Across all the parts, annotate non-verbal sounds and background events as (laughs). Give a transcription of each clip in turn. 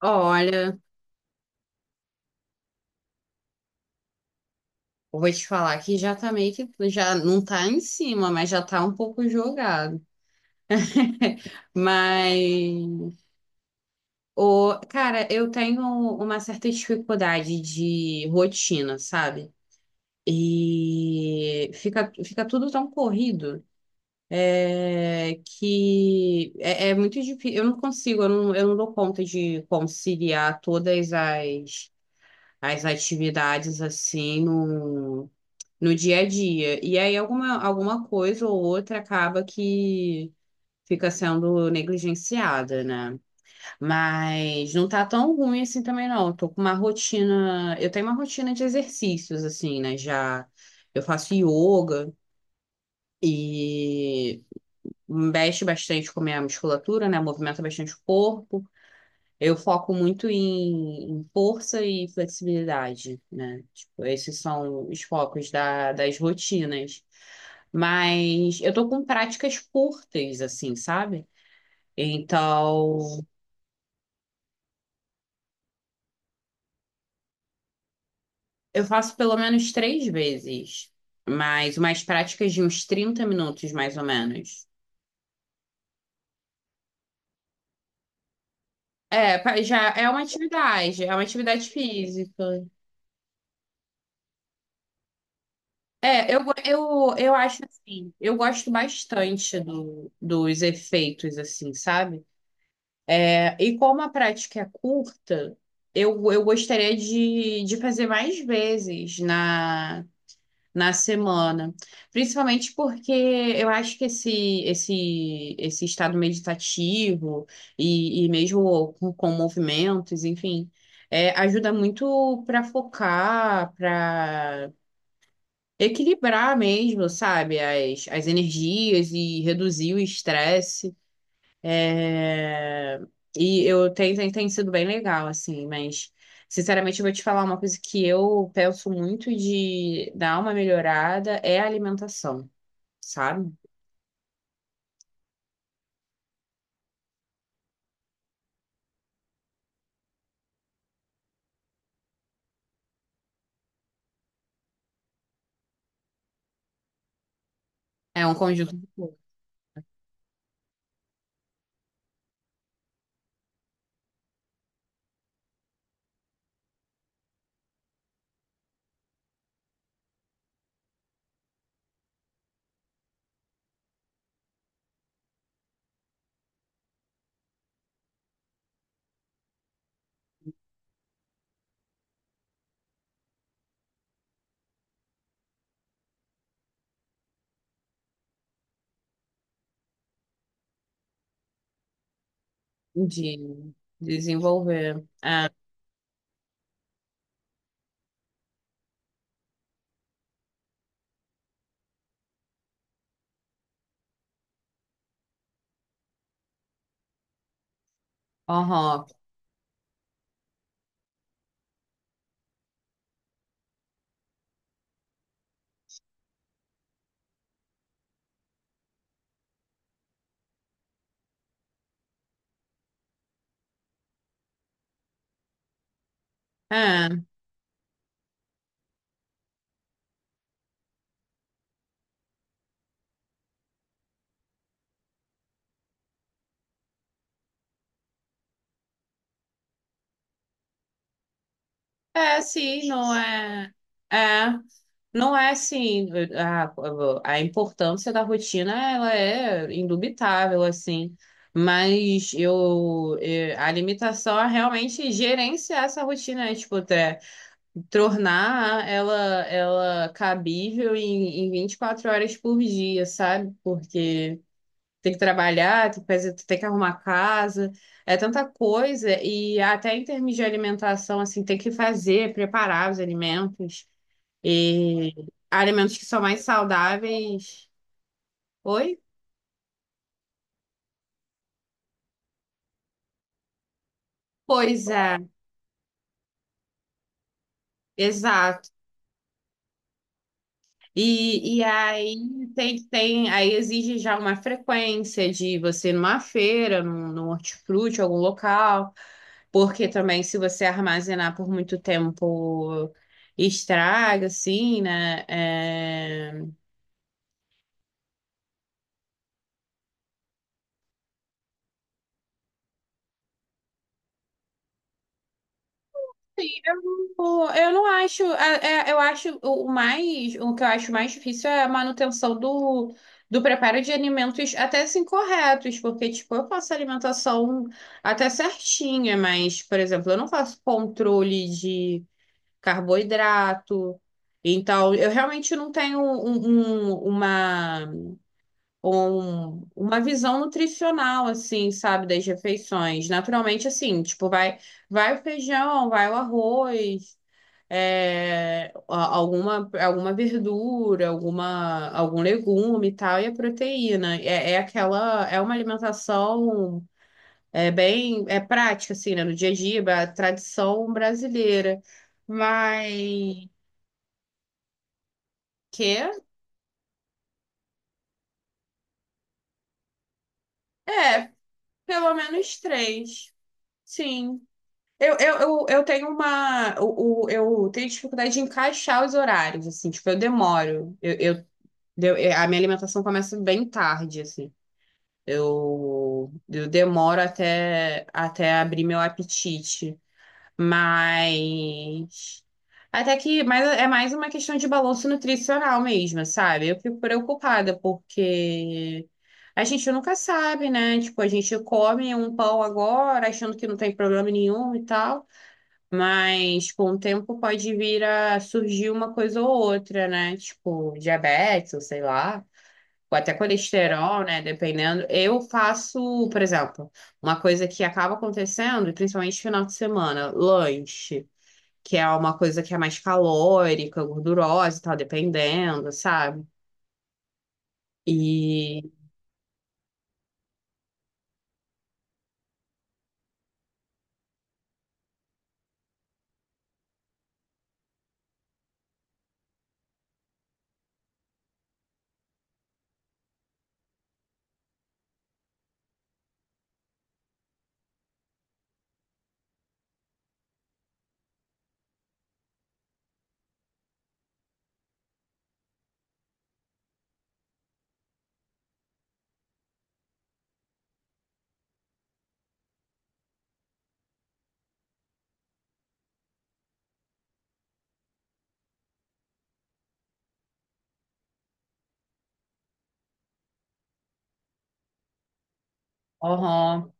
Olha, eu vou te falar que já tá já não tá em cima, mas já tá um pouco jogado. (laughs) Mas, cara, eu tenho uma certa dificuldade de rotina, sabe? E fica tudo tão corrido, que é muito difícil. Eu não consigo, eu não, Eu não dou conta de conciliar todas as atividades assim no dia a dia. E aí alguma coisa ou outra acaba que fica sendo negligenciada, né? Mas não tá tão ruim assim também, não. Eu tô com uma rotina. Eu tenho uma rotina de exercícios, assim, né? Já eu faço yoga e mexe bastante com a minha musculatura, né? Movimenta bastante o corpo. Eu foco muito em força e flexibilidade, né? Tipo, esses são os focos das rotinas. Mas eu tô com práticas curtas, assim, sabe? Então, eu faço pelo menos três vezes, mas umas práticas de uns 30 minutos, mais ou menos. Já é uma atividade física. Eu acho assim, eu gosto bastante dos efeitos, assim, sabe? E como a prática é curta, eu gostaria de fazer mais vezes na semana. Principalmente porque eu acho que esse estado meditativo e mesmo com movimentos, enfim, ajuda muito para focar, para equilibrar mesmo, sabe, as energias e reduzir o estresse. É, E tem sido bem legal, assim, mas sinceramente eu vou te falar uma coisa que eu penso muito de dar uma melhorada é a alimentação, sabe? É um conjunto de de desenvolver. É, aham. É. É, sim, não é. É, não é assim. A, a importância da rotina, ela é indubitável, assim. Mas a limitação é realmente gerenciar essa rotina, né? Tipo, até tornar ela cabível em 24 horas por dia, sabe? Porque tem que trabalhar, tem que fazer, tem que arrumar casa, é tanta coisa, e até em termos de alimentação, assim, tem que fazer, preparar os alimentos, e alimentos que são mais saudáveis. Oi? Pois é, exato. E aí exige já uma frequência de você ir numa feira, num hortifruti, algum local. Porque também, se você armazenar por muito tempo, estraga, assim, né? Eu não acho. Eu acho o mais. O que eu acho mais difícil é a manutenção do preparo de alimentos até assim corretos, porque, tipo, eu faço alimentação até certinha, mas, por exemplo, eu não faço controle de carboidrato. Então, eu realmente não tenho um- uma. Uma visão nutricional, assim, sabe, das refeições. Naturalmente, assim, tipo, vai o feijão, vai o arroz, alguma verdura, algum legume e tal, e a proteína. É aquela. É uma alimentação, bem prática, assim, né, no dia a dia, é a tradição brasileira. Mas, que? É, pelo menos três. Sim. Eu tenho uma. Tenho dificuldade de encaixar os horários, assim, tipo, eu demoro. A minha alimentação começa bem tarde, assim. Eu demoro até abrir meu apetite. Mas. Até que. Mas é mais uma questão de balanço nutricional mesmo, sabe? Eu fico preocupada, porque. A gente nunca sabe, né? Tipo, a gente come um pão agora, achando que não tem problema nenhum e tal. Mas com o tempo pode vir a surgir uma coisa ou outra, né? Tipo, diabetes, ou sei lá, ou até colesterol, né? Dependendo. Eu faço, por exemplo, uma coisa que acaba acontecendo, principalmente no final de semana, lanche, que é uma coisa que é mais calórica, gordurosa e tal, dependendo, sabe? E, aham,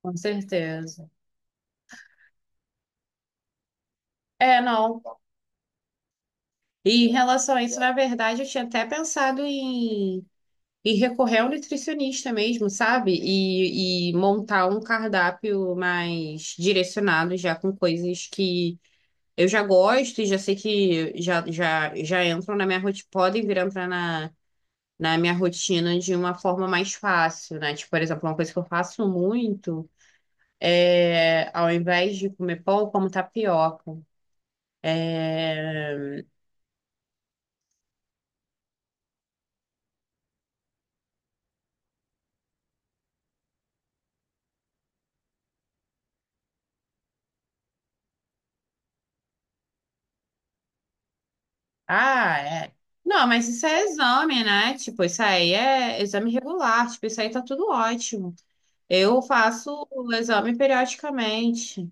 com certeza. É, não. E em relação a isso, na verdade, eu tinha até pensado em recorrer ao nutricionista mesmo, sabe? E montar um cardápio mais direcionado já com coisas que eu já gosto e já sei que já entram na minha rotina, podem vir a entrar na minha rotina de uma forma mais fácil, né? Tipo, por exemplo, uma coisa que eu faço muito é, ao invés de comer pão, eu como tapioca. Ah, é. Não, mas isso é exame, né? Tipo, isso aí é exame regular, tipo, isso aí tá tudo ótimo. Eu faço o exame periodicamente.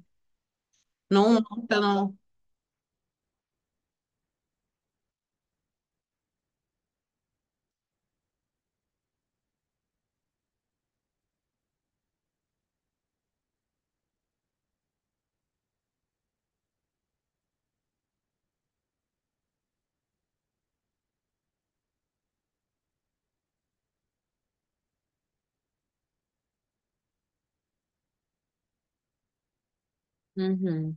Não, não, eu não. Uhum.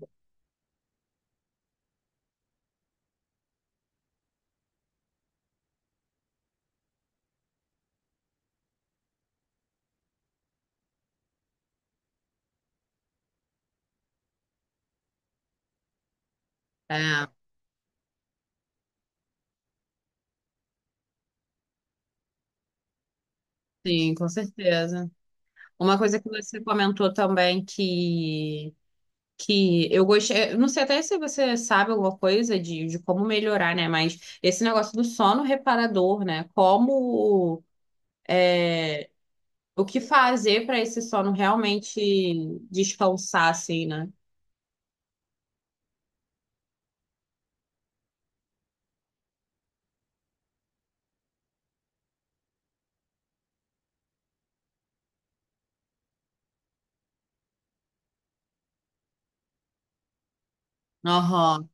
É, sim, com certeza. Uma coisa que você comentou também que eu gostei, eu não sei até se você sabe alguma coisa de como melhorar, né? Mas esse negócio do sono reparador, né? Como o que fazer para esse sono realmente descansar, assim, né? Aham.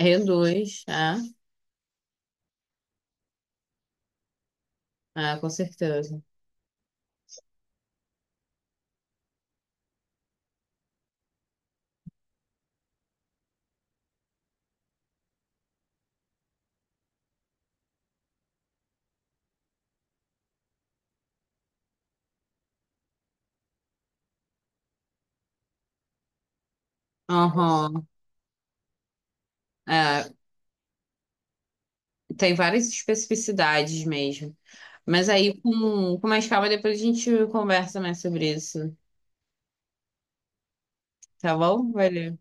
Reduz, é, é, com certeza. Aham. É, tem várias especificidades mesmo. Mas aí, com mais calma, depois a gente conversa mais sobre isso. Tá bom? Valeu.